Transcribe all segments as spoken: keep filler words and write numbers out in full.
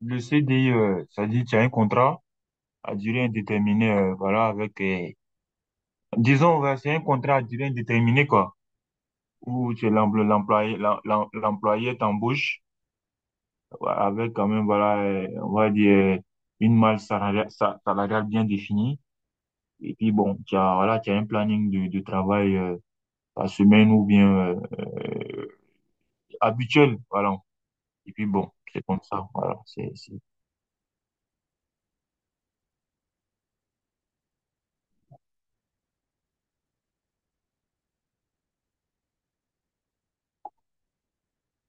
Le C D I, euh, ça dit tu as un contrat à durée indéterminée, euh, voilà, avec, euh, disons, ouais, c'est un contrat à durée indéterminée, quoi, où tu es l'empl- l'employé, l'em- l'em- l'employé t'embauche ouais, avec quand même, voilà, euh, on va dire, euh, une malle salariale, sa- salariale bien définie. Et puis, bon, tu as, voilà, tu as un planning de, de travail, euh, par semaine ou bien, euh, euh, habituel, voilà. Et puis, bon, c'est comme ça, voilà, c'est, c'est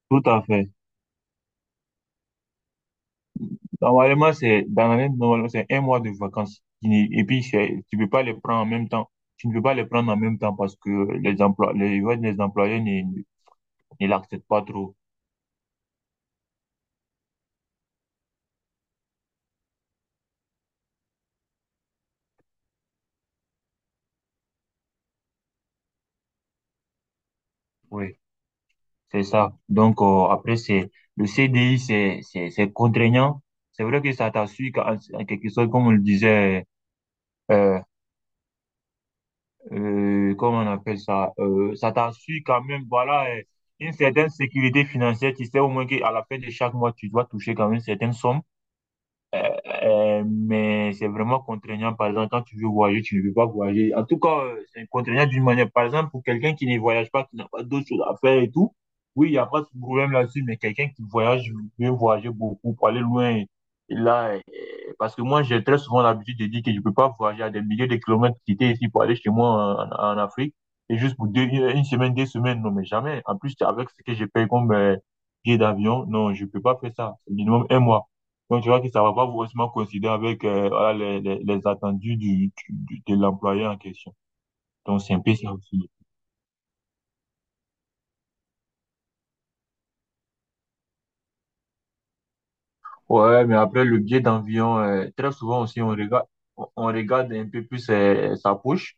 tout à fait. Normalement, c'est dans l'année, normalement, c'est un mois de vacances. Qui n'est- Et puis, c'est- tu peux pas les prendre en même temps. Tu ne peux pas les prendre en même temps parce que les emplois, les, ouais, les employés ne, ne ne l'acceptent pas trop. Oui, c'est ça. Donc, euh, après, c'est le C D I, c'est, c'est, c'est contraignant. C'est vrai que ça t'assure qu'en- en quelque sorte, comme on le disait, euh, euh, comment on appelle ça, euh, ça t'assure quand même, voilà, euh, une certaine sécurité financière. Tu sais au moins qu'à la fin de chaque mois, tu dois toucher quand même certaines sommes. Euh, mais c'est vraiment contraignant. Par exemple, quand tu veux voyager, tu ne veux pas voyager. En tout cas, euh, c'est contraignant d'une manière. Par exemple, pour quelqu'un qui ne voyage pas, qui n'a pas d'autres choses à faire et tout, oui, il n'y a pas de problème là-dessus. Mais quelqu'un qui voyage, veut voyager beaucoup pour aller loin. Et là, euh, parce que moi, j'ai très souvent l'habitude de dire que je ne peux pas voyager à des milliers de kilomètres quitter ici pour aller chez moi en, en Afrique. Et juste pour deux, une semaine, deux semaines, non, mais jamais. En plus, avec ce que je paye comme euh, billet d'avion, non, je ne peux pas faire ça. C'est minimum un mois. Donc, tu vois que ça va pas forcément coïncider avec euh, voilà, les, les, les attendus du, du- du- de l'employeur en question. Donc, c'est un peu ça aussi. Ouais, mais après, le biais d'environ, euh, très souvent aussi, on regarde, on on regarde un peu plus euh, sa poche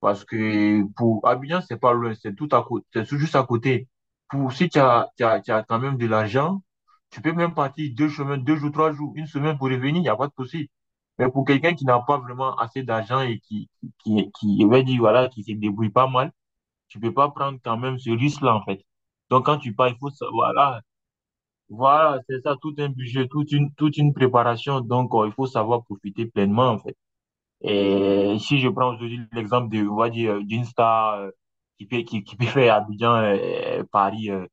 parce que pour Abidjan, c'est pas loin, c'est tout à côté, c'est tout juste à côté. Pour, si tu as, tu as, tu as quand même de l'argent, tu peux même partir deux chemins, deux jours, trois jours, une semaine pour revenir, il n'y a pas de souci. Mais pour quelqu'un qui n'a pas vraiment assez d'argent et qui, qui, qui, qui, on va dire, voilà, qui se débrouille pas mal, tu peux pas prendre quand même ce risque-là, en fait. Donc, quand tu pars, il faut savoir, voilà, voilà, c'est ça, tout un budget, toute une, toute une préparation. Donc, euh, il faut savoir profiter pleinement, en fait. Et si je prends aujourd'hui l'exemple de, on va dire, euh, d'une star euh, qui peut, qui, qui peut faire Abidjan, euh, Paris, euh,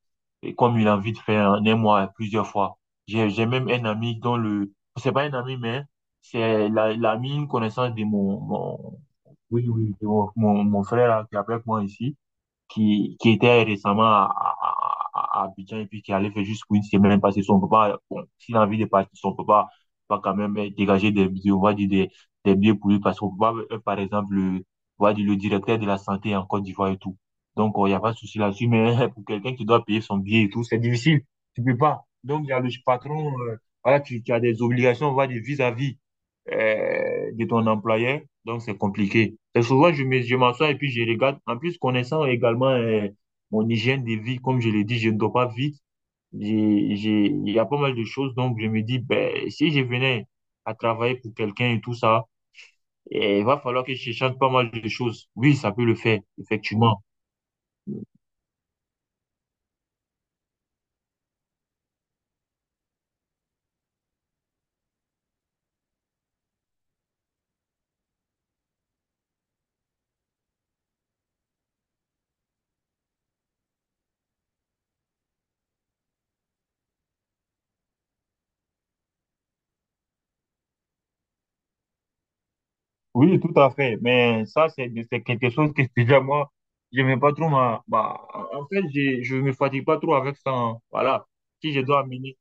et comme il a envie de faire en un mois, plusieurs fois. J'ai, j'ai même un ami dont le, c'est pas un ami, mais c'est la- l'ami, une connaissance de mon, mon, oui, oui, de mon, mon, mon frère, là, qui est avec moi ici qui, qui était récemment à, à, à à Abidjan et puis qui allait faire juste pour une semaine parce que son papa, bon, s'il a envie de partir, son papa va quand même euh, dégager des, des- on va dire des, des billets pour lui parce qu'on papa, euh, par exemple, le, on va dire le directeur de la santé en Côte d'Ivoire et tout. Donc, oh, il n'y a pas de souci là-dessus, mais pour quelqu'un qui doit payer son billet et tout, c'est difficile. Tu peux pas. Donc, il y a le patron, euh, voilà, tu, tu as des obligations, on va dire, vis-à-vis euh, de ton employeur. Donc, c'est compliqué. Et souvent, je me- je m'assois et puis je regarde. En plus, connaissant également euh, mon hygiène de vie, comme je l'ai dit, je ne dors pas vite. J'ai, j'ai, il y a pas mal de choses. Donc, je me dis, ben, si je venais à travailler pour quelqu'un et tout ça, eh, il va falloir que je change pas mal de choses. Oui, ça peut le faire, effectivement. Oui, tout à fait. Mais ça, c'est c'est quelque chose que déjà, moi, je n'aime pas trop ma, ma- en fait, je, je me fatigue pas trop avec ça, hein. Voilà. Si je dois amener,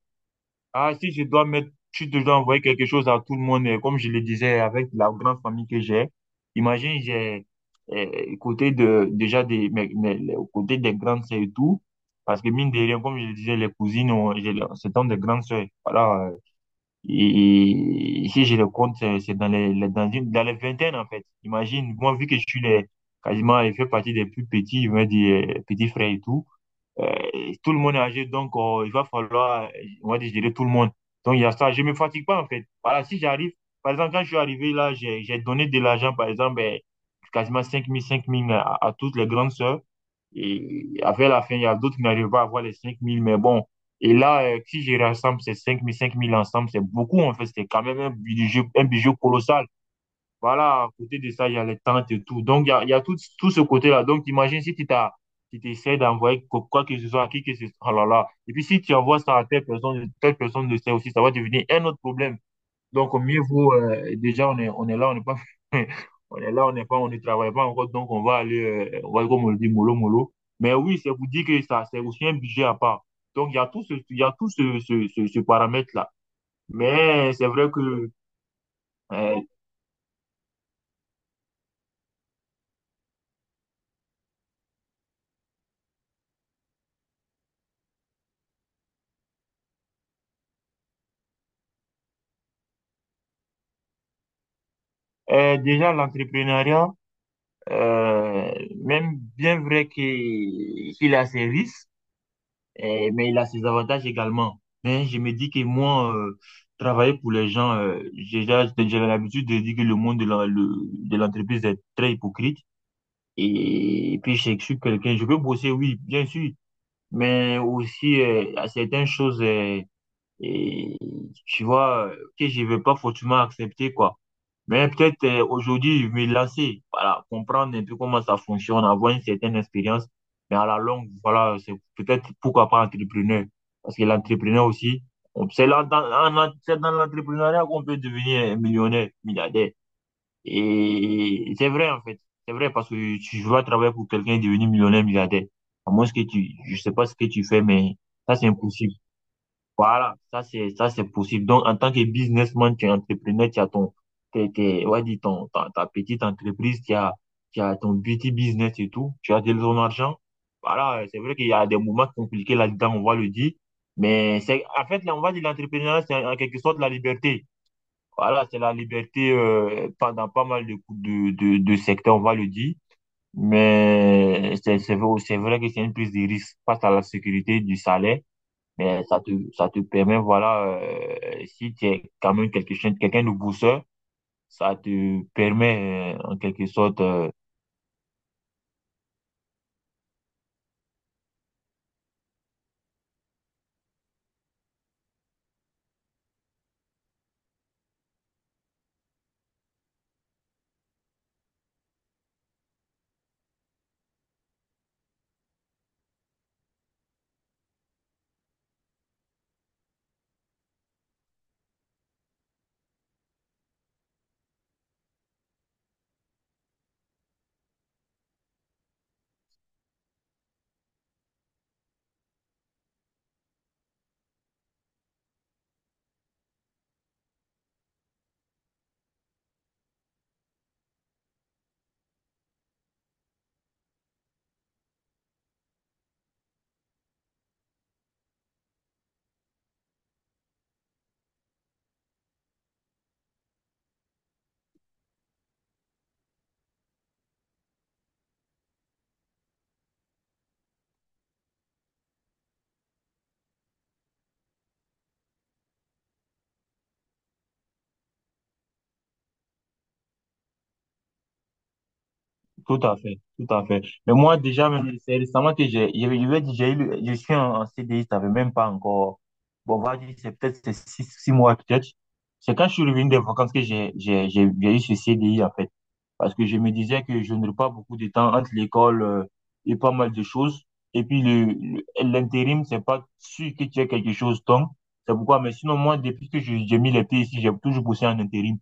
ah, si je dois mettre, si je dois envoyer quelque chose à tout le monde, euh, comme je le disais, avec la grande famille que j'ai, imagine, j'ai, euh, côté de, déjà des, mais mais les- aux côtés des grandes sœurs et tout, parce que mine de rien, comme je le disais, les cousines, ont j'ai c'est dans des grandes sœurs. Voilà, euh, et, et si je le compte, c'est c'est dans les, les- dans une- dans les vingtaines, en fait. Imagine, moi, vu que je suis les, quasiment, je fais partie des plus petits, je vais dire, euh, petits frères et tout. Euh, Tout le monde est âgé, donc euh, il va falloir, euh, on va dire, gérer tout le monde. Donc il y a ça, je me fatigue pas en fait. Voilà, si j'arrive, par exemple, quand je suis arrivé là, j'ai j'ai donné de l'argent, par exemple, eh, quasiment cinq mille cinq mille à, à toutes les grandes sœurs. Et après la fin, il y a d'autres qui n'arrivent pas à avoir les cinq mille mais bon. Et là, euh, si je rassemble ces cinq mille cinq mille ensemble, c'est beaucoup en fait, c'est quand même un budget, un budget colossal. Voilà, à côté de ça, il y a les tentes et tout. Donc, il y a, il y a tout, tout ce côté-là. Donc, imagine si tu t'as, tu t'essaies d'envoyer quoi, quoi que ce soit à qui que ce soit. Oh là là. Et puis, si tu envoies ça à telle personne, telle personne le sait aussi, ça va devenir un autre problème. Donc, au mieux vaut, euh, déjà, on est, on est là, on n'est pas, on est là, on n'est pas, on ne travaille pas encore. Donc, on va aller, euh, on va, comme on le dit, mollo, mollo. Mais oui, c'est vous dire que ça, c'est aussi un budget à part. Donc, il y a tout ce, il y a tout ce, ce, ce, ce paramètre-là. Mais c'est vrai que, euh, euh, déjà, l'entrepreneuriat, Euh, même bien vrai que qu'il a ses risques, eh, mais il a ses avantages également. Mais je me dis que moi, euh, travailler pour les gens, euh, j'ai déjà- j'ai l'habitude de dire que le monde de la- le- de l'entreprise est très hypocrite. Et, puis, je suis quelqu'un, je peux bosser, oui, bien sûr, mais aussi euh, à certaines choses, euh, et tu vois, euh, que je ne vais pas forcément accepter, quoi. Mais peut-être euh, aujourd'hui, je vais me lancer, voilà, comprendre un peu comment ça fonctionne, avoir une certaine expérience. Mais à la longue, voilà, c'est peut-être pourquoi pas entrepreneur. Parce que l'entrepreneur aussi, on- c'est là, dans, en- c'est dans l'entrepreneuriat qu'on peut devenir millionnaire, milliardaire. Et c'est vrai, en fait. C'est vrai parce que tu vas travailler pour quelqu'un et devenir millionnaire, milliardaire. À moins que tu, je sais pas ce que tu fais, mais ça, c'est impossible. Voilà, ça c'est ça c'est possible. Donc en tant que businessman, tu es entrepreneur, tu as ton t'es, t'es, ouais, dis ton ta, ta petite entreprise, tu as tu as ton petit business et tout, tu as de ton argent. Voilà, c'est vrai qu'il y a des moments compliqués là-dedans, on va le dire, mais c'est en fait là, on va dire l'entrepreneuriat c'est en quelque sorte la liberté. Voilà, c'est la liberté euh, pas- dans pas mal de de de, de secteurs, on va le dire. Mais c'est c'est vrai c'est vrai que c'est une prise de risque face à la sécurité du salaire mais ça te, ça te permet, voilà, euh, si tu es quand même quelque, chose- quelqu'un de bosseur, ça te permet, euh, en quelque sorte, euh, tout à fait, tout à fait. Mais moi, déjà, même, c'est récemment que j'ai, je vais je vais dire, j'ai eu le- je suis en, en C D I, ça fait même pas encore, bon, on va dire, c'est peut-être c'est six, six mois, peut-être. C'est quand je suis revenu des vacances que j'ai, j'ai, j'ai j'ai eu ce C D I, en fait, parce que je me disais que je n'aurais pas beaucoup de temps entre l'école euh, et pas mal de choses. Et puis le, le- l'intérim, c'est pas sûr que tu aies quelque chose. Donc, c'est pourquoi. Mais sinon, moi, depuis que je- j'ai mis les pieds ici, j'ai toujours bossé en intérim.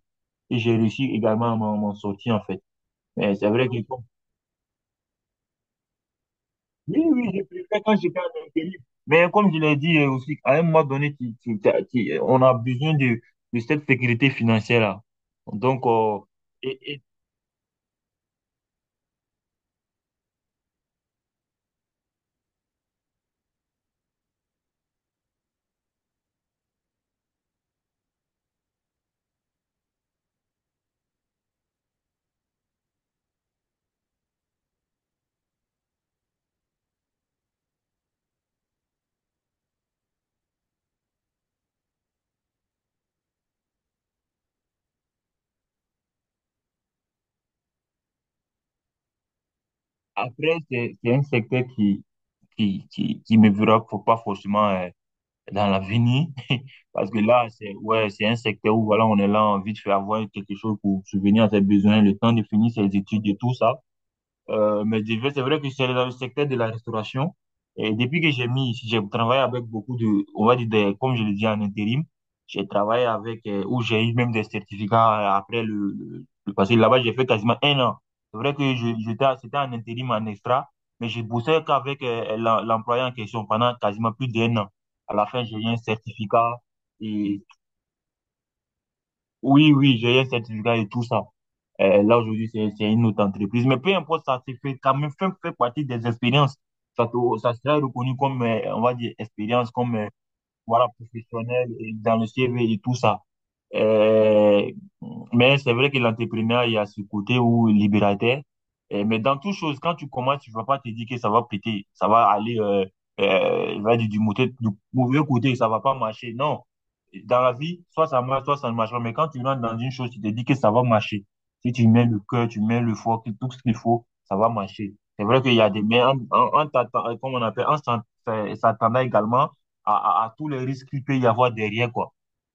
Et j'ai réussi également à m'en m'en sortir, en fait. Mais c'est vrai que, comme- oui, oui, j'ai préféré quand j'étais en intérim. Mais comme je l'ai dit euh, aussi, à un moment donné, tu- tu- t'as- tu- on a besoin de, de cette sécurité financière-là. Donc, euh, et, et après, c'est c'est un secteur qui, qui, qui, qui me fera faut pas forcément euh, dans l'avenir. Parce que là, c'est ouais, c'est un secteur où voilà, on est là, envie de faire avoir quelque chose pour subvenir à ses besoins, le temps de finir ses études et tout ça. Euh, mais je vais- c'est vrai que je suis allé dans le secteur de la restauration. Et depuis que j'ai mis, j'ai travaillé avec beaucoup de, on va dire, des- comme je le dis en intérim, j'ai travaillé avec, euh, où j'ai eu même des certificats euh, après le, le, le passé. Là-bas, j'ai fait quasiment un an. C'est vrai que je, j'étais, c'était en intérim, en extra, mais je bossais qu'avec euh, l'em- l'employé en question pendant quasiment plus d'un an. À la fin, j'ai eu un certificat et oui, oui, j'ai un certificat et tout ça. Euh, là, aujourd'hui, c'est, c'est une autre entreprise. Mais peu importe, ça c'est fait quand même fait, fait partie des expériences. Ça, te- ça sera reconnu comme, euh, on va dire, expérience, comme, euh, voilà, professionnel et dans le C V et tout ça. Euh, mais c'est vrai que l'entrepreneur, il y a ce côté où libérateur. Euh, mais dans toute chose, quand tu commences, tu vas pas te dire que ça va péter, ça va aller, euh, euh, il va dire du, mouté- du mauvais côté, ça va pas marcher. Non. Dans la vie, soit ça marche, soit ça ne marche pas. Mais quand tu rentres dans une chose, tu te dis que ça va marcher. Si tu mets le cœur, tu mets le foie, que tout ce qu'il faut, ça va marcher. C'est vrai qu'il y a des, mais en, en, en t'attend- euh, comment on appelle, en s'en- s'attendant également à, à, à tous les risques qu'il peut y avoir derrière, quoi.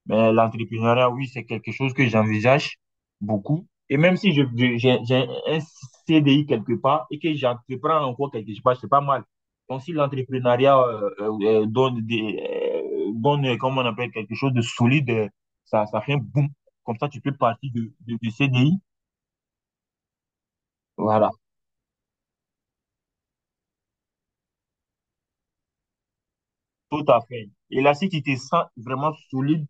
Mais l'entrepreneuriat, oui, c'est quelque chose que j'envisage beaucoup. Et même si je, je- j'ai, j'ai un C D I quelque part et que j'entreprends encore quelque part, c'est pas mal. Donc, si l'entrepreneuriat euh, euh, euh, donne, des, euh, donne, euh, comment on appelle, quelque chose de solide, euh, ça, ça fait un boom. Comme ça, tu peux partir de, de, du C D I. Voilà, tout à fait. Et là, si tu te sens vraiment solide,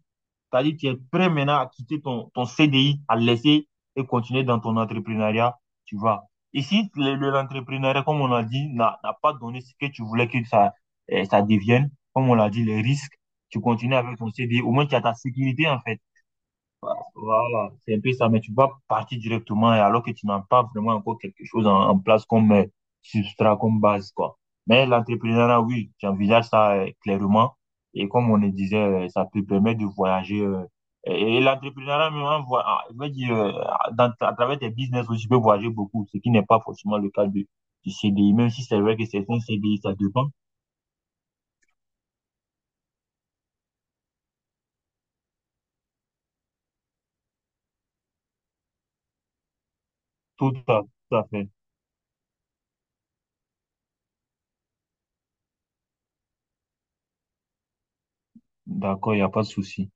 c'est-à-dire, que tu es prêt maintenant à quitter ton, ton C D I, à le laisser et continuer dans ton entrepreneuriat, tu vois. Ici, le- l'entrepreneuriat, comme on a dit, n'a n'a pas donné ce que tu voulais que ça, euh, ça devienne. Comme on l'a dit, les risques, tu continues avec ton C D I. Au moins, tu as ta sécurité, en fait. Voilà, c'est un peu ça, mais tu vas partir directement et alors que tu n'as pas vraiment encore quelque chose en, en place comme euh, substrat, comme base, quoi. Mais l'entrepreneuriat, oui, j'envisage ça euh, clairement. Et comme on le disait, euh, ça peut permettre de voyager. euh, et et l'entrepreneuriat, même, en voi- ah, je veux dire, euh, dans- à travers tes business aussi, tu peux voyager beaucoup, ce qui n'est pas forcément le cas du, du C D I, même si c'est vrai que certains C D I, ça dépend. Tout à, tout à fait. D'accord, il n'y a pas de souci.